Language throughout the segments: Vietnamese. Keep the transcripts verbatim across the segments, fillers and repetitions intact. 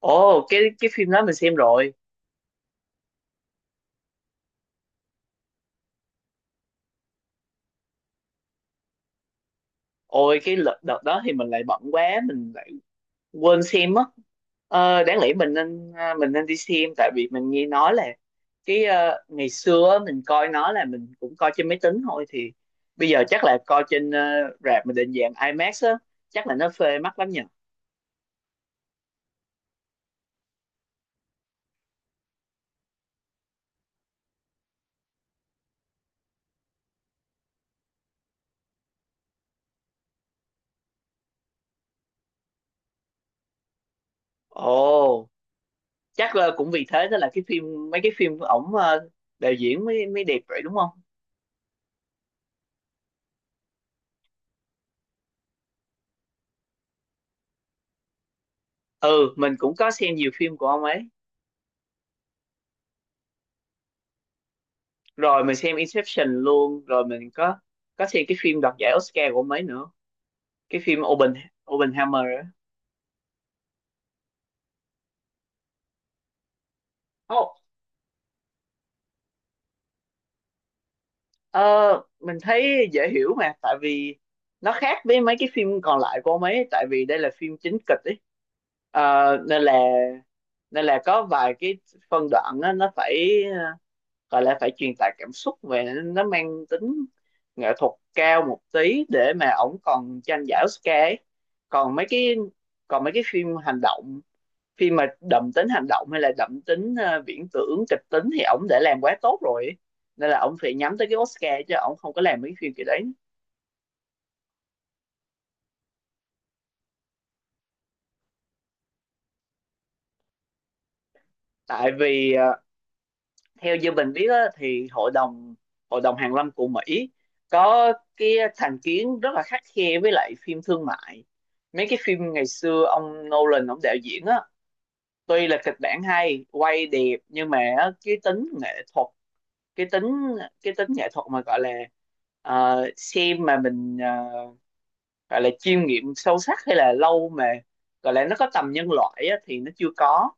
Ồ, cái cái phim đó mình xem rồi. Ôi, cái lợ- đợt đó thì mình lại bận quá, mình lại quên xem á. Ờ, đáng lẽ mình nên à, mình nên đi xem tại vì mình nghe nói là cái ờ, ngày xưa á, mình coi nó là mình cũng coi trên máy tính thôi, thì bây giờ chắc là coi trên ờ, rạp mà định dạng IMAX á, chắc là nó phê mắt lắm nhỉ. Ồ, chắc là cũng vì thế đó là cái phim mấy cái phim của ổng ờ, đạo diễn mới mới đẹp vậy đúng không? Ừ, mình cũng có xem nhiều phim của ông ấy. Rồi mình xem Inception luôn, rồi mình có có xem cái phim đoạt giải Oscar của mấy nữa, cái phim Open Oppenheimer á. Ồ, ờ, mình thấy dễ hiểu mà, tại vì nó khác với mấy cái phim còn lại của ông ấy, tại vì đây là phim chính kịch ấy. Ờ, nên là nên là có vài cái phân đoạn á, nó phải ờ, gọi là phải truyền tải cảm xúc, về nó mang tính nghệ thuật cao một tí để mà ổng còn tranh giải Oscar ấy. Còn mấy cái còn mấy cái phim hành động, khi mà đậm tính hành động hay là đậm tính ờ, viễn tưởng kịch tính thì ổng đã làm quá tốt rồi, nên là ổng phải nhắm tới cái Oscar chứ ổng không có làm mấy phim kiểu đấy. Tại vì ờ, theo như mình biết á, thì hội đồng hội đồng hàn lâm của Mỹ có cái thành kiến rất là khắt khe với lại phim thương mại. Mấy cái phim ngày xưa ông Nolan ông đạo diễn á, tuy là kịch bản hay, quay đẹp, nhưng mà á, cái tính nghệ thuật, cái tính cái tính nghệ thuật mà gọi là, ờ, xem mà mình ờ, gọi là chiêm nghiệm sâu sắc, hay là lâu mà gọi là nó có tầm nhân loại á, thì nó chưa có.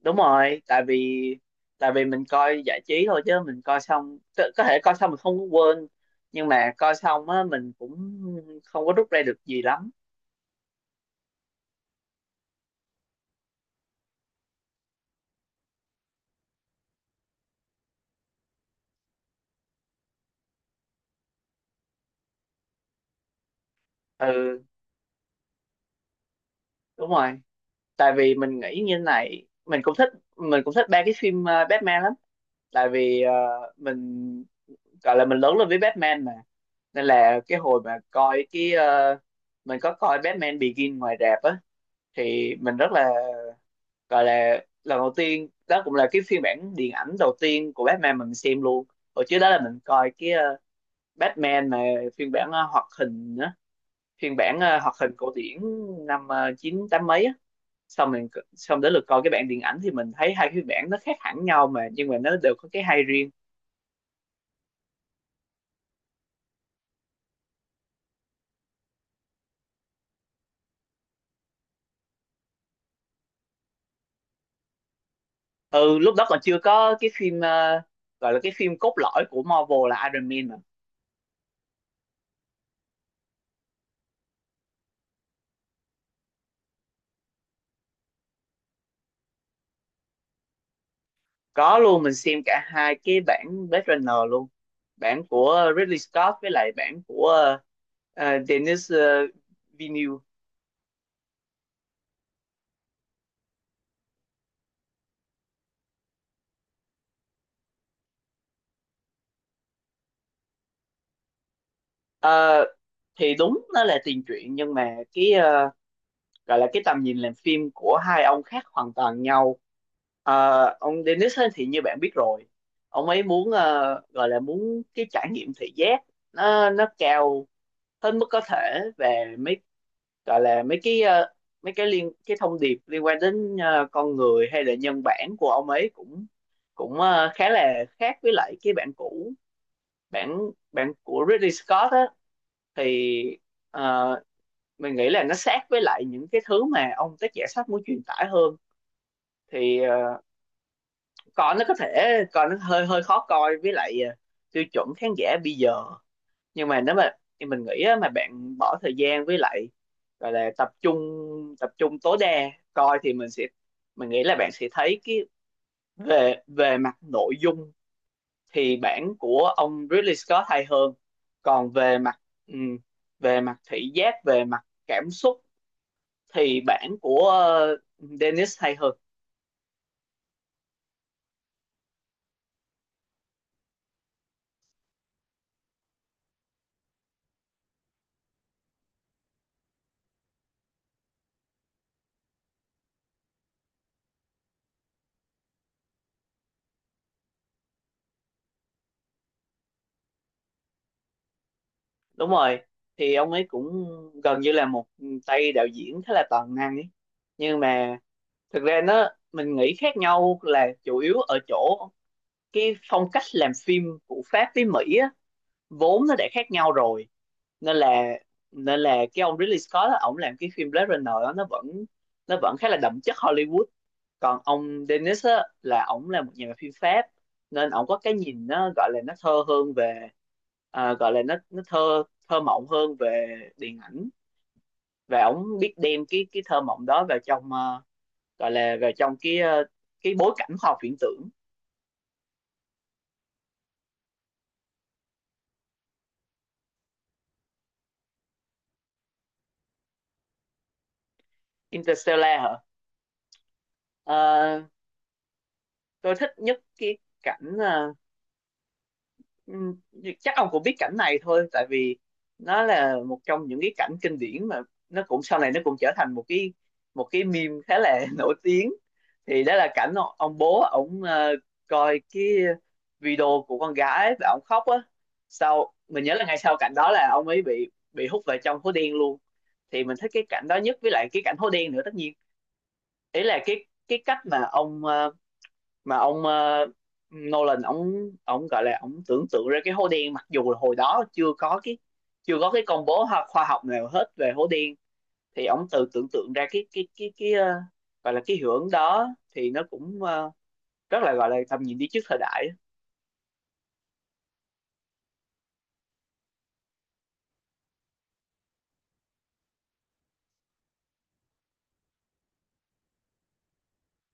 Đúng rồi, tại vì tại vì mình coi giải trí thôi, chứ mình coi xong có, có thể coi xong mình không có quên, nhưng mà coi xong á mình cũng không có rút ra được gì lắm. Ừ, đúng rồi, tại vì mình nghĩ như này, mình cũng thích mình cũng thích ba cái phim ờ, Batman lắm. Tại vì ờ, mình gọi là mình lớn lên với Batman mà, nên là cái hồi mà coi cái ờ, mình có coi Batman Begin ngoài rạp á, thì mình rất là gọi là lần đầu tiên đó cũng là cái phiên bản điện ảnh đầu tiên của Batman mình xem luôn. Hồi trước đó là mình coi cái ờ, Batman mà phiên bản ờ, hoạt hình á, phiên bản ờ, hoạt hình cổ điển năm ờ, chín tám mấy á. Xong mình, xong đến lượt coi cái bản điện ảnh thì mình thấy hai phiên bản nó khác hẳn nhau mà, nhưng mà nó đều có cái hay riêng. Ừ, lúc đó còn chưa có cái phim ờ, gọi là cái phim cốt lõi của Marvel là Iron Man mà. Có luôn, mình xem cả hai cái bản Blade Runner luôn, bản của Ridley Scott với lại bản của ờ, ờ, Denis ờ, Villeneuve. Ờ, thì đúng nó là tiền truyện, nhưng mà cái ờ, gọi là cái tầm nhìn làm phim của hai ông khác hoàn toàn nhau. Ờ, ông Denis ấy thì như bạn biết rồi, ông ấy muốn ờ, gọi là muốn cái trải nghiệm thị giác nó nó cao hết mức có thể về mấy gọi là mấy cái ờ, mấy cái liên cái thông điệp liên quan đến ờ, con người hay là nhân bản của ông ấy, cũng cũng ờ, khá là khác với lại cái bản cũ. Bản bản của Ridley Scott á, thì ờ, mình nghĩ là nó sát với lại những cái thứ mà ông tác giả sách muốn truyền tải hơn. Thì ờ, còn nó có thể còn nó hơi hơi khó coi với lại ờ, tiêu chuẩn khán giả bây giờ, nhưng mà nếu mà thì mình nghĩ á, mà bạn bỏ thời gian với lại gọi là tập trung tập trung tối đa coi thì mình sẽ mình nghĩ là bạn sẽ thấy cái về về mặt nội dung thì bản của ông Ridley Scott hay hơn, còn về mặt ừm, về mặt thị giác, về mặt cảm xúc thì bản của ờ, Dennis hay hơn. Đúng rồi, thì ông ấy cũng gần như là một tay đạo diễn khá là toàn năng ấy, nhưng mà thực ra nó mình nghĩ khác nhau là chủ yếu ở chỗ cái phong cách làm phim của Pháp với Mỹ á, vốn nó đã khác nhau rồi, nên là nên là cái ông Ridley Scott á, ổng làm cái phim Blade Runner á, nó vẫn nó vẫn khá là đậm chất Hollywood. Còn ông Denis á, là ổng là một nhà làm phim Pháp, nên ổng có cái nhìn nó gọi là nó thơ hơn về à, gọi là nó nó thơ thơ mộng hơn về điện ảnh, và ổng biết đem cái cái thơ mộng đó vào trong ờ, gọi là về trong cái ờ, cái bối cảnh khoa học viễn tưởng. Interstellar hả? Ờ, tôi thích nhất cái cảnh ờ, Ừm, chắc ông cũng biết cảnh này thôi, tại vì nó là một trong những cái cảnh kinh điển mà nó cũng sau này nó cũng trở thành một cái một cái meme khá là nổi tiếng. Thì đó là cảnh ông, ông bố ổng ờ, coi cái video của con gái và ổng khóc á. Sau mình nhớ là ngay sau cảnh đó là ông ấy bị bị hút vào trong hố đen luôn. Thì mình thích cái cảnh đó nhất với lại cái cảnh hố đen nữa, tất nhiên. Ý là cái cái cách mà ông ờ, mà ông ờ, Nolan ông ông gọi là ông tưởng tượng ra cái hố đen, mặc dù là hồi đó chưa có cái chưa có cái công bố ho- khoa học nào hết về hố đen. Thì ông tự tưởng tượng ra cái cái cái cái ờ, gọi là cái hiệu ứng đó, thì nó cũng ờ, rất là gọi là tầm nhìn đi trước thời đại.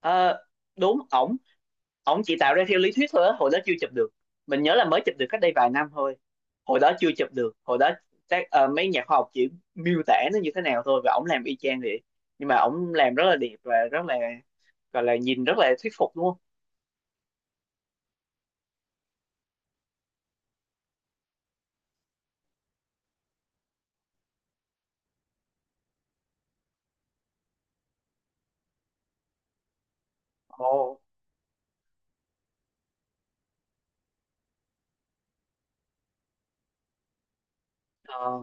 Ờ, đúng, ổng ổng chỉ tạo ra theo lý thuyết thôi á, hồi đó chưa chụp được. Mình nhớ là mới chụp được cách đây vài năm thôi, hồi đó chưa chụp được. Hồi đó các ờ, mấy nhà khoa học chỉ miêu tả nó như thế nào thôi, và ổng làm y chang vậy. Nhưng mà ổng làm rất là đẹp và rất là gọi là nhìn rất là thuyết phục, đúng không? Ồ, ờ,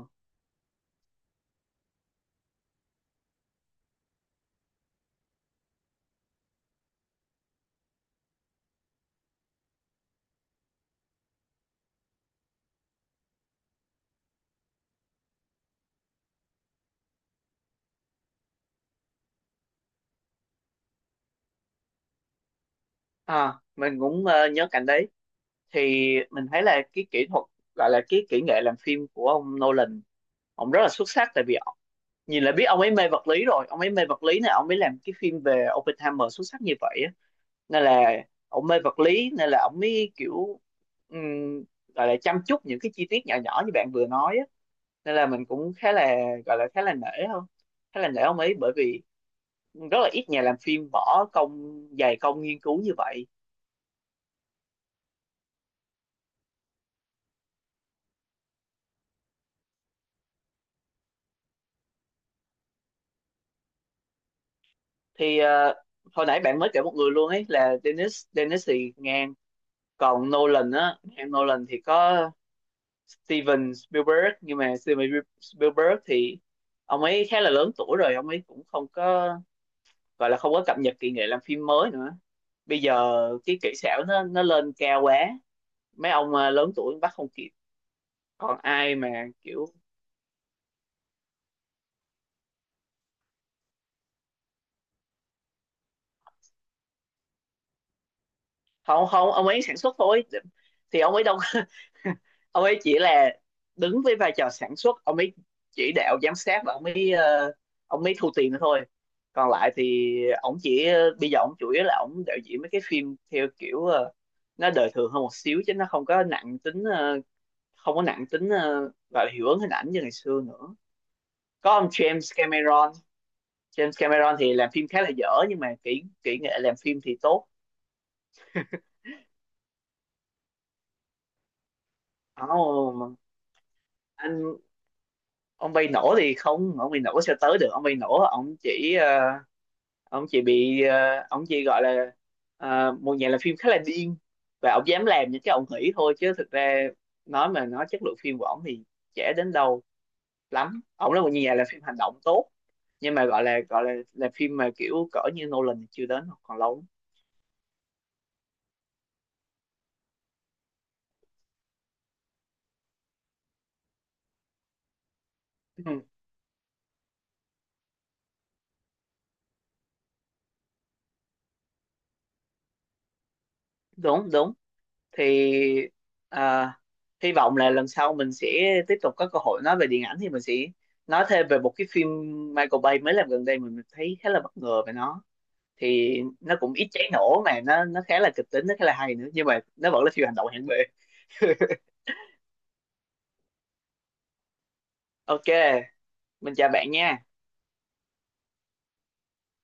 à, mình cũng ờ, nhớ cảnh đấy. Thì mình thấy là cái kỹ thuật gọi là cái kỹ nghệ làm phim của ông Nolan, ông rất là xuất sắc, tại vì ổng- nhìn là biết ông ấy mê vật lý rồi, ông ấy mê vật lý này, ông ấy làm cái phim về Oppenheimer xuất sắc như vậy á. Nên là ông mê vật lý nên là ông mới kiểu um, gọi là chăm chút những cái chi tiết nhỏ nhỏ như bạn vừa nói á. Nên là mình cũng khá là gọi là khá là nể không khá là nể ông ấy, bởi vì rất là ít nhà làm phim bỏ công, dày công nghiên cứu như vậy. Thì ờ, hồi nãy bạn mới kể một người luôn ấy là Dennis, Dennis thì ngang. Còn Nolan á, em Nolan thì có Steven Spielberg, nhưng mà Steven Spielberg thì ông ấy khá là lớn tuổi rồi, ông ấy cũng không có gọi là không có cập nhật kỹ nghệ làm phim mới nữa. Bây giờ cái kỹ xảo nó nó lên cao quá, mấy ông à, lớn tuổi bắt không kịp. Còn ai mà kiểu, không không, ông ấy sản xuất thôi, thì ông ấy đâu, ông ấy chỉ là đứng với vai trò sản xuất, ông ấy chỉ đạo giám sát, và ông ấy ờ, ông ấy thu tiền nữa thôi. Còn lại thì ông chỉ ờ, bây giờ ông chủ yếu là ông đạo diễn mấy cái phim theo kiểu ờ, nó đời thường hơn một xíu, chứ nó không có nặng tính ờ, không có nặng tính ờ, gọi là hiệu ứng hình ảnh như ngày xưa nữa. Có ông James Cameron, James Cameron thì làm phim khá là dở, nhưng mà kỹ kỹ nghệ làm phim thì tốt. Oh, anh, ông bay nổ thì không, ông bay nổ sẽ tới được. Ông bay nổ ông chỉ ờ, ông chỉ bị ờ, ông chỉ gọi là ờ, một nhà làm phim khá là điên, và ông dám làm những cái ông nghĩ thôi, chứ thực ra nói mà nói chất lượng phim của ông thì trẻ đến đâu lắm, ổng là một nhà làm phim hành động tốt, nhưng mà gọi là gọi là là phim mà kiểu cỡ như Nolan thì chưa đến, còn lâu lắm. Ừ, đúng đúng, thì à, hy vọng là lần sau mình sẽ tiếp tục có cơ hội nói về điện ảnh, thì mình sẽ nói thêm về một cái phim Michael Bay mới làm gần đây, mình thấy khá là bất ngờ về nó. Thì nó cũng ít cháy nổ, mà nó nó khá là kịch tính, nó khá là hay nữa, nhưng mà nó vẫn là phim hành động hạng B. OK, mình chào bạn nha.